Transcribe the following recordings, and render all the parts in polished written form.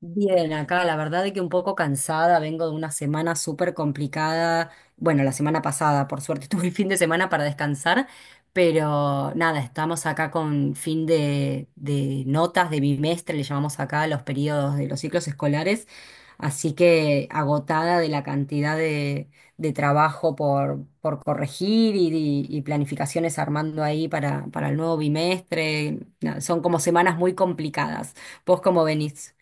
Bien, acá la verdad de que un poco cansada, vengo de una semana súper complicada. Bueno, la semana pasada, por suerte, tuve el fin de semana para descansar, pero nada, estamos acá con fin de notas de bimestre, le llamamos acá a los periodos de los ciclos escolares, así que agotada de la cantidad de trabajo por corregir y, y planificaciones armando ahí para el nuevo bimestre. Nada, son como semanas muy complicadas. ¿Vos cómo venís?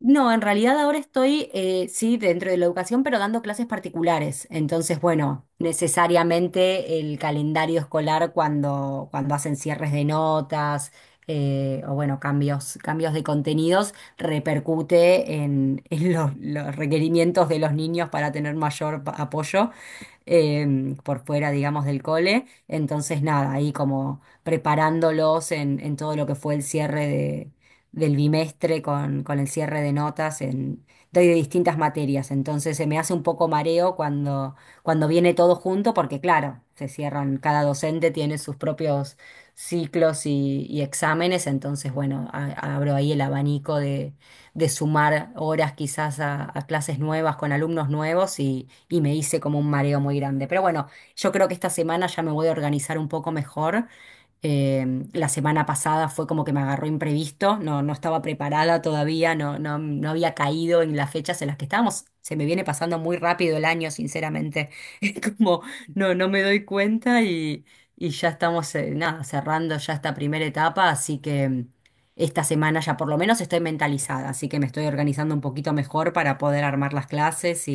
No, en realidad ahora estoy, sí, dentro de la educación, pero dando clases particulares. Entonces, bueno, necesariamente el calendario escolar cuando hacen cierres de notas o, bueno, cambios, cambios de contenidos, repercute en, en los requerimientos de los niños para tener mayor apoyo por fuera, digamos, del cole. Entonces, nada, ahí como preparándolos en todo lo que fue el cierre del bimestre con el cierre de notas en, doy de distintas materias. Entonces se me hace un poco mareo cuando viene todo junto, porque claro, se cierran, cada docente tiene sus propios ciclos y exámenes, entonces bueno, abro ahí el abanico de sumar horas quizás a clases nuevas con alumnos nuevos y me hice como un mareo muy grande. Pero bueno, yo creo que esta semana ya me voy a organizar un poco mejor eh, la semana pasada fue como que me agarró imprevisto, no, no estaba preparada todavía, no, no, no había caído en las fechas en las que estábamos. Se me viene pasando muy rápido el año, sinceramente. Es como, no, no me doy cuenta y ya estamos, nada, cerrando ya esta primera etapa, así que esta semana ya por lo menos estoy mentalizada, así que me estoy organizando un poquito mejor para poder armar las clases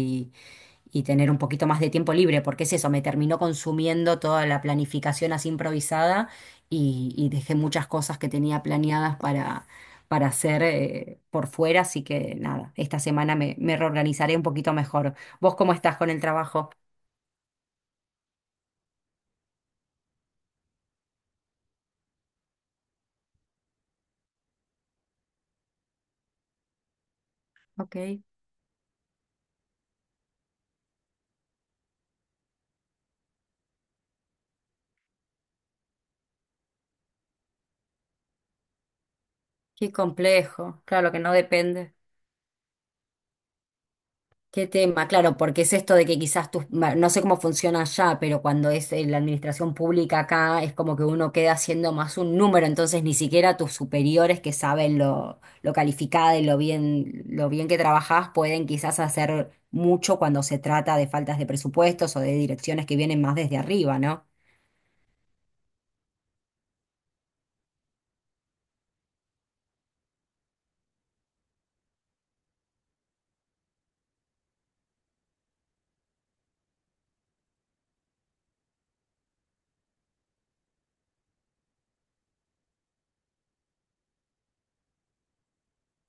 y tener un poquito más de tiempo libre, porque es eso, me terminó consumiendo toda la planificación así improvisada y dejé muchas cosas que tenía planeadas para hacer por fuera, así que nada, esta semana me, me reorganizaré un poquito mejor. ¿Vos cómo estás con el trabajo? Ok, qué complejo, claro que no depende. ¿Qué tema? Claro, porque es esto de que quizás tus, no sé cómo funciona allá, pero cuando es la administración pública acá es como que uno queda siendo más un número, entonces ni siquiera tus superiores que saben lo calificada y lo bien que trabajás pueden quizás hacer mucho cuando se trata de faltas de presupuestos o de direcciones que vienen más desde arriba, ¿no?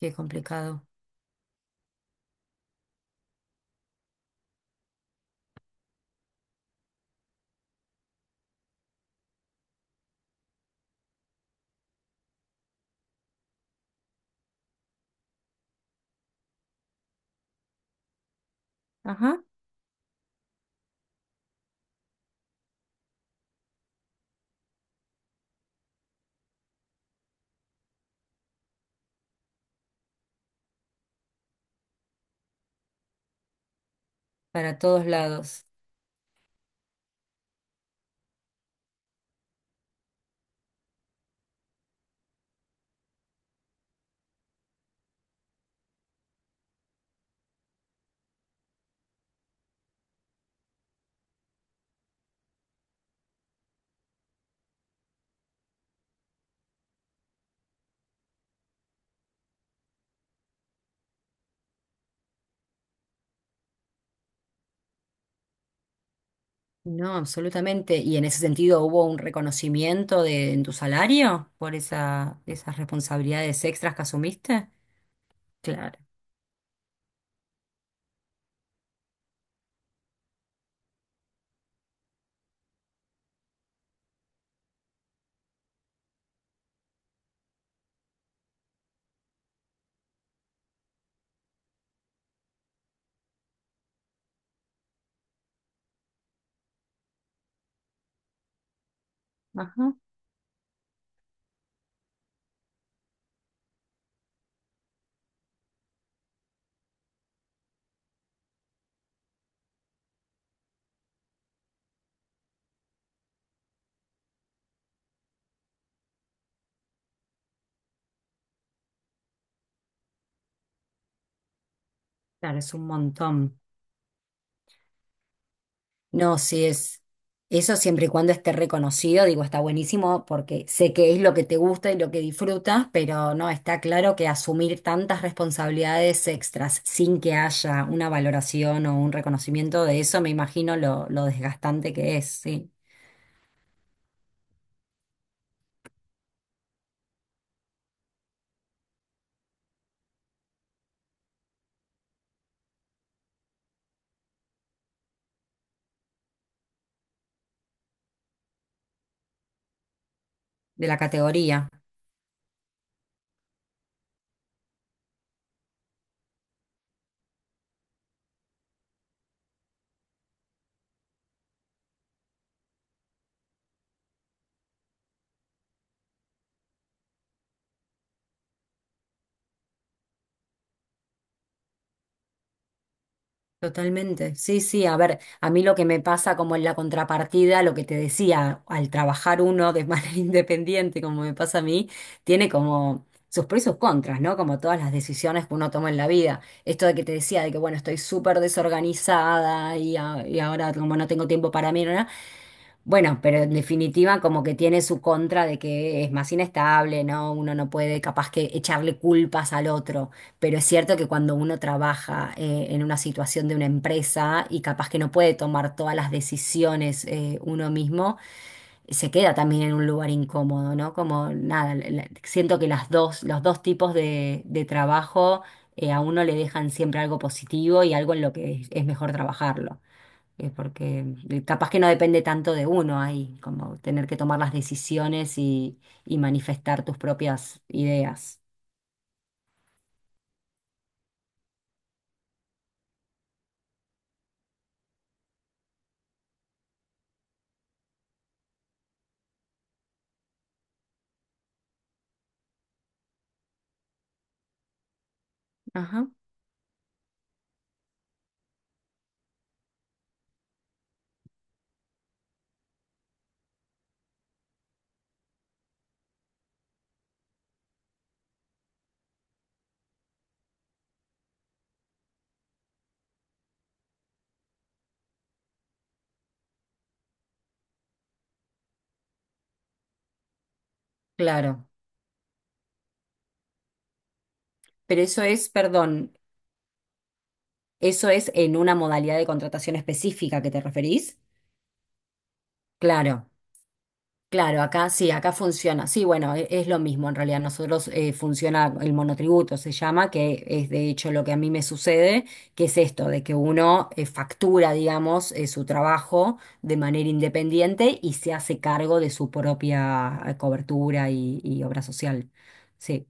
Qué complicado. Ajá. Para todos lados. No, absolutamente. ¿Y en ese sentido hubo un reconocimiento de, en tu salario por esa, esas responsabilidades extras que asumiste? Claro. Ajá. Claro, es un montón. No, sí es. Eso siempre y cuando esté reconocido, digo, está buenísimo porque sé que es lo que te gusta y lo que disfrutas, pero no, está claro que asumir tantas responsabilidades extras sin que haya una valoración o un reconocimiento de eso, me imagino lo desgastante que es, sí, de la categoría. Totalmente. Sí, sí, a ver, a mí lo que me pasa como en la contrapartida, lo que te decía, al trabajar uno de manera independiente, como me pasa a mí, tiene como sus pros y sus contras, ¿no? Como todas las decisiones que uno toma en la vida. Esto de que te decía, de que bueno, estoy súper desorganizada y, y ahora como no tengo tiempo para mí, ¿no? no, bueno, pero en definitiva como que tiene su contra de que es más inestable, ¿no? Uno no puede capaz que echarle culpas al otro, pero es cierto que cuando uno trabaja en una situación de una empresa y capaz que no puede tomar todas las decisiones uno mismo, se queda también en un lugar incómodo, ¿no? Como nada, siento que las dos, los dos tipos de trabajo a uno le dejan siempre algo positivo y algo en lo que es mejor trabajarlo porque capaz que no depende tanto de uno ahí, como tener que tomar las decisiones y manifestar tus propias ideas. Ajá, claro. Pero eso es, perdón, eso es en una modalidad de contratación específica que te referís. Claro. Claro, acá sí, acá funciona. Sí, bueno, es, lo mismo en realidad. Nosotros funciona el monotributo, se llama, que es de hecho lo que a mí me sucede, que es esto, de que uno factura, digamos, su trabajo de manera independiente y se hace cargo de su propia cobertura y obra social. Sí.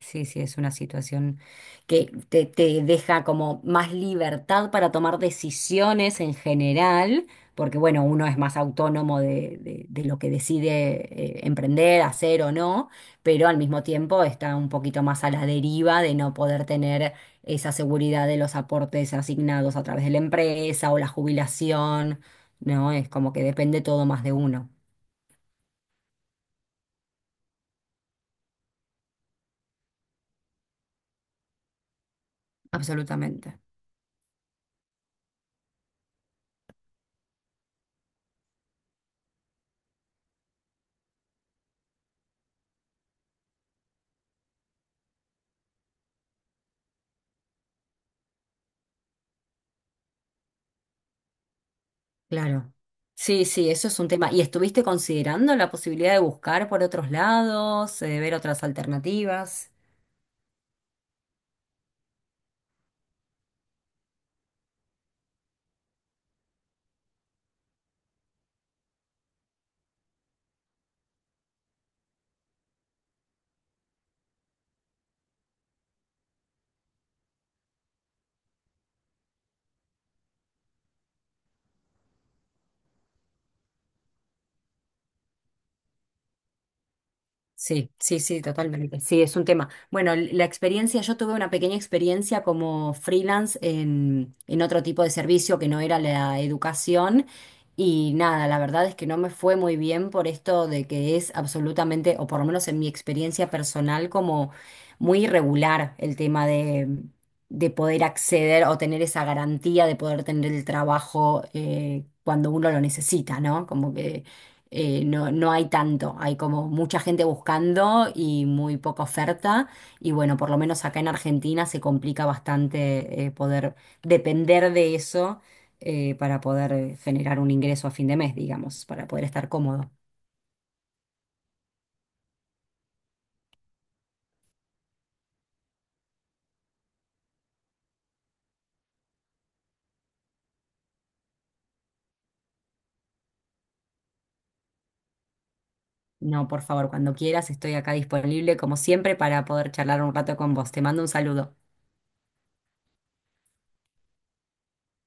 Sí, sí, es una situación que te deja como más libertad para tomar decisiones en general, porque bueno, uno es más autónomo de, de lo que decide emprender, hacer o no, pero al mismo tiempo está un poquito más a la deriva de no poder tener esa seguridad de los aportes asignados a través de la empresa o la jubilación, ¿no? Es como que depende todo más de uno, absolutamente. Claro. Sí, sí, eso es un tema. ¿Y estuviste considerando la posibilidad de buscar por otros lados, ver otras alternativas? Sí, sí, sí, totalmente. Sí, es un tema. Bueno, la experiencia, yo tuve una pequeña experiencia como freelance en otro tipo de servicio que no era la educación y nada, la verdad es que no me fue muy bien por esto de que es absolutamente, o por lo menos en mi experiencia personal, como muy irregular el tema de poder acceder o tener esa garantía de poder tener el trabajo cuando uno lo necesita, ¿no? Como que no, no hay tanto, hay como mucha gente buscando y muy poca oferta. Y bueno, por lo menos acá en Argentina se complica bastante poder depender de eso para poder generar un ingreso a fin de mes, digamos, para poder estar cómodo. No, por favor, cuando quieras, estoy acá disponible como siempre para poder charlar un rato con vos. Te mando un saludo.